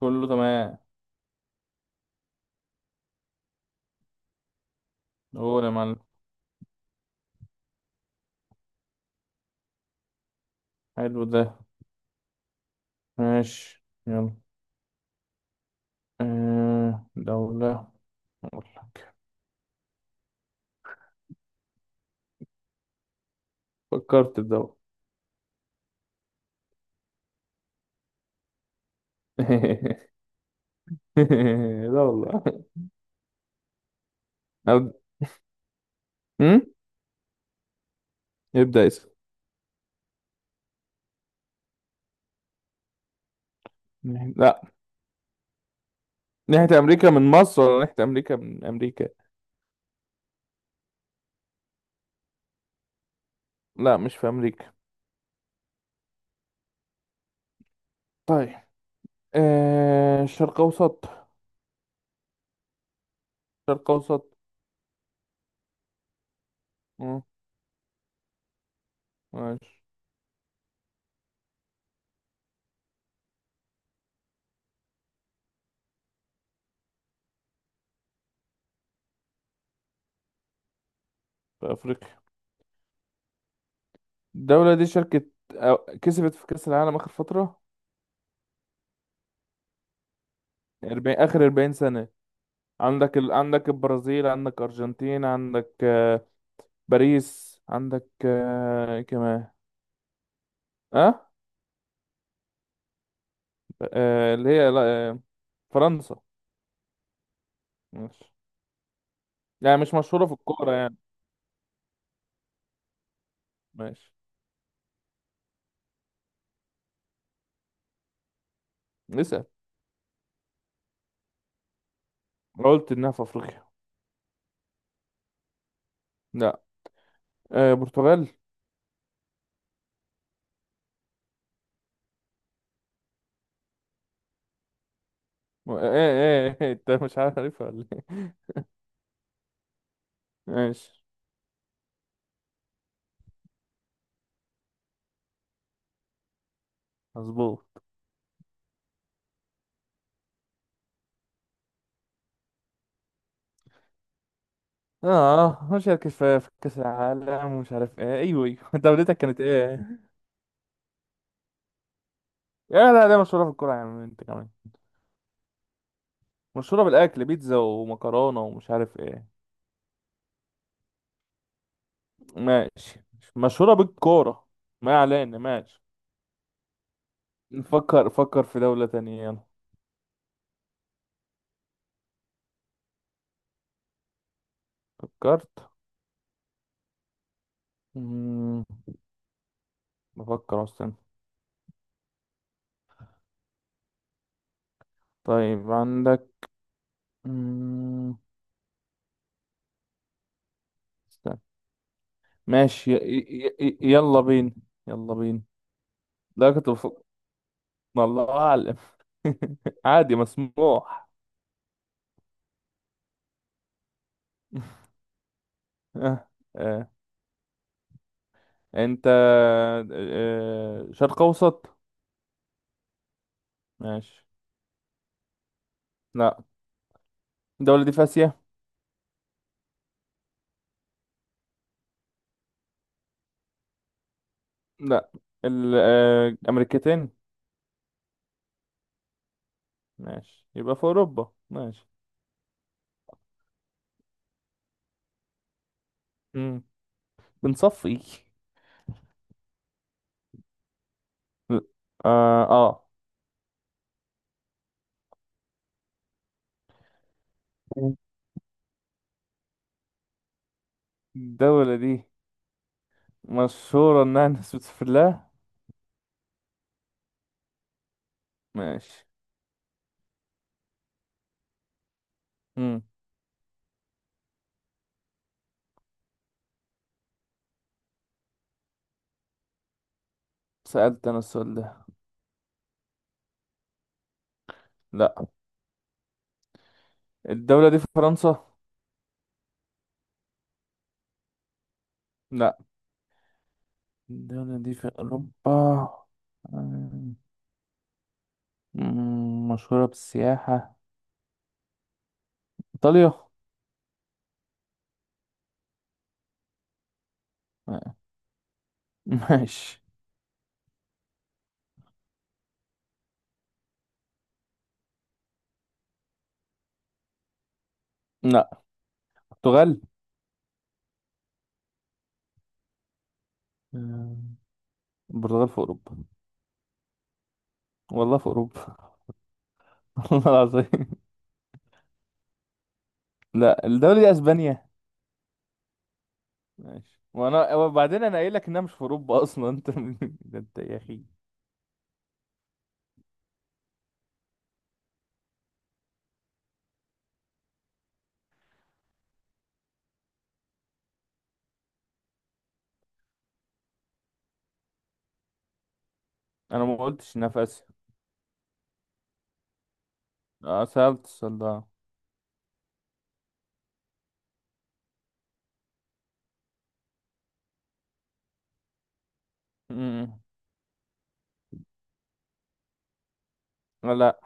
كله تمام. قول يا معلم. حلو ده. ماشي، يلا. دولة. فكرت في دولة. دولة. أب... م? ابدأ اسم. لا. ناحية أمريكا من مصر ولا ناحية أمريكا من أمريكا؟ لا، مش في أمريكا. طيب، شرق أوسط. شرق أوسط. آه، ماشي. في أفريقيا. الدولة دي شركة كسبت في كأس العالم آخر فترة. 40، آخر 40 سنة. عندك عندك البرازيل، عندك ارجنتين، عندك باريس، عندك إيه كمان. اه. اللي هي لا. آه، فرنسا. ماشي. يعني مش مشهورة في الكورة يعني. ماشي، اسأل. قلت انها في افريقيا. لا. برتغال. ايه ايه إيه، انت مش عارفها ولا ايه؟ ماشي. مظبوط. اه، مش عارف كيف في كاس العالم ومش عارف ايه. ايوه، دولتك كانت ايه؟ يا لا، ده مشهورة في الكورة يا عم انت كمان. مشهورة بالأكل، بيتزا ومكرونة ومش عارف ايه. ماشي، مشهورة بالكورة. ما علينا، ماشي. نفكر، فكر في دولة تانية يلا. فكرت. مم، بفكر أصلا. طيب، عندك مم، استنى. ماشي. يلا بينا. يلا بينا. لا، كنت بفكر. الله أعلم. عادي، مسموح. آه. آه. انت. آه. شرق أوسط. ماشي. لا. الدولة دي في آسيا؟ لا. الامريكتين. ماشي، يبقى في اوروبا. ماشي. مم. بنصفي. اه اه. الدولة دي مشهورة انها ناس بتسافر لها. ماشي. مم. سألت انا السؤال ده. لا، الدولة دي في فرنسا. لا، الدولة دي في اوروبا. مشهورة بالسياحة. ايطاليا. آه، ماشي. لا، البرتغال. آه، البرتغال في اوروبا. والله في اوروبا. والله العظيم. لا، الدولة دي اسبانيا. ماشي، وانا وبعدين انا قايل لك انها مش في اوروبا اصلا انت. ده انت يا اخي. انا ما قلتش انها في اسيا. اه، سألت السؤال ده. م- م. آه، لا.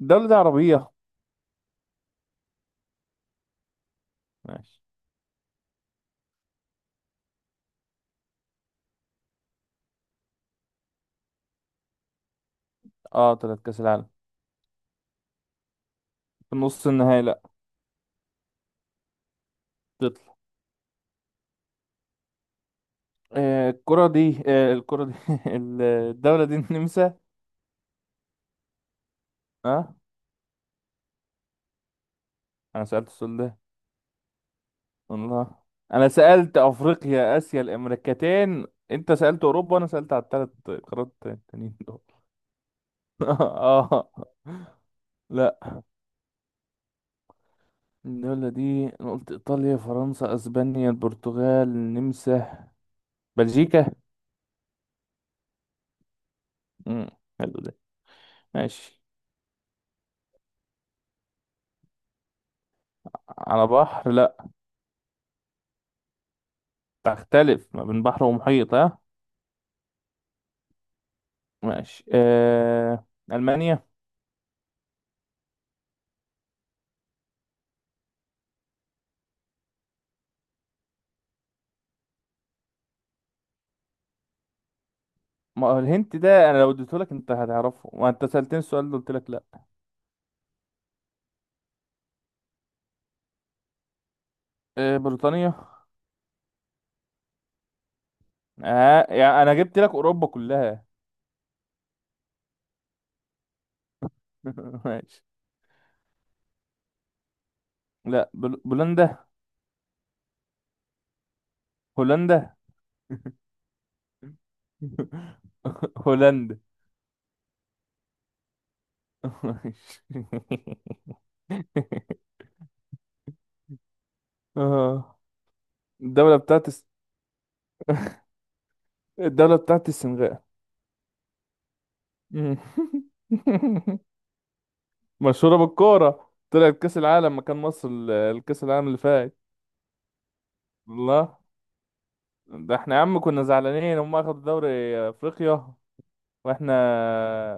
الدولة دي عربية. ماشي. اه، طلعت كأس العالم في نص النهائي؟ لا، تطلع. الكرة دي، الدولة دي النمسا. اه، انا سألت السؤال ده. الله. انا سألت افريقيا اسيا الامريكتين، انت سألت اوروبا وانا سألت على الثلاث قارات التانيين دول. اه. لا، الدولة دي أنا قلت إيطاليا، فرنسا، أسبانيا، البرتغال، النمسا، بلجيكا. مم. حلو ده. ماشي. على بحر لأ. تختلف ما بين بحر ومحيط ها. ماشي. ألمانيا. ما هو الهنت ده أنا لو اديتهولك أنت هتعرفه، ما أنت سألتني السؤال ده قلت لك لأ. بريطانيا. يعني أنا جبت لك أوروبا كلها. ماشي. لأ، بولندا. هولندا. هولندا. ماشي. آه. الدولة الدولة بتاعت السنغال. مم. مشهورة بالكورة، طلعت كأس العالم مكان مصر، الكأس العالم اللي فات. الله. ده احنا يا عم كنا زعلانين هم اخدوا دوري افريقيا واحنا.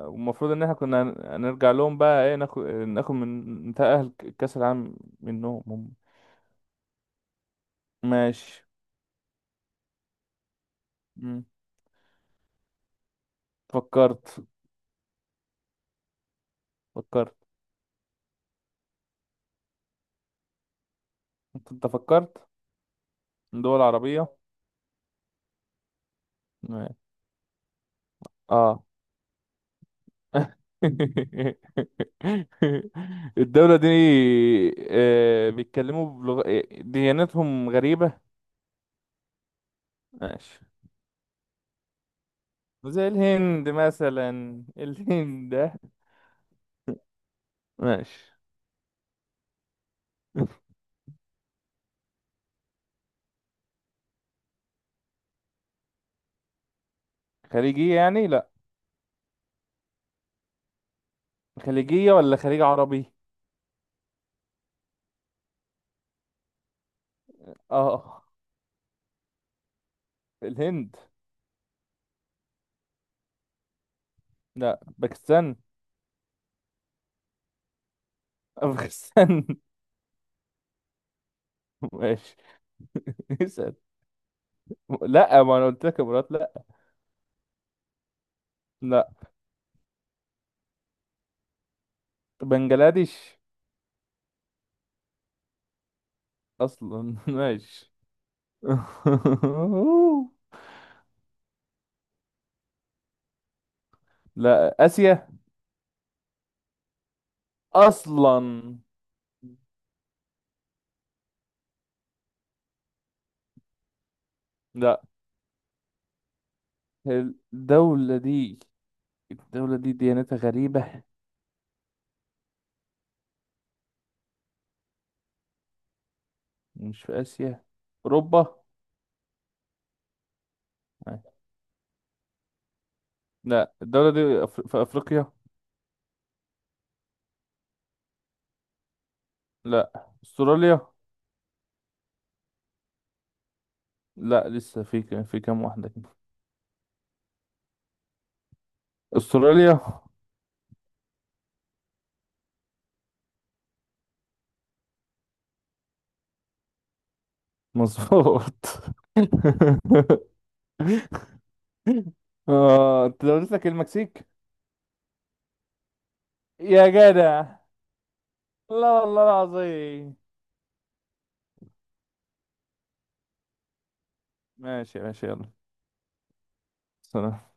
المفروض ان احنا هنرجع لهم بقى، ايه، ناخد من نتأهل كأس العالم منهم هم. ماشي. مم. فكرت. فكرت. أنت فكرت. دول عربية. مم. اه. الدولة دي بيتكلموا بلغة، ديانتهم غريبة. ماشي. زي الهند مثلا. الهند ده. ماشي. خليجية يعني؟ لا، خليجية ولا خليج عربي؟ اه. الهند. لا، باكستان. افغانستان. ماشي. اسأل. لا، ما انا قلت لك امارات لا. لا. بنجلاديش. اصلا. ماشي. لا، اسيا. اصلا. لا. الدولة دي، الدولة دي ديانتها غريبة. مش في اسيا؟ اوروبا. لا. الدولة دي في افريقيا. لا، استراليا. لا، لسه في في كام واحدة كده. استراليا. مظبوط. اه، انت دولت لك المكسيك. يا جدع. لا، والله العظيم. ماشي، ماشي، يلا. سلام.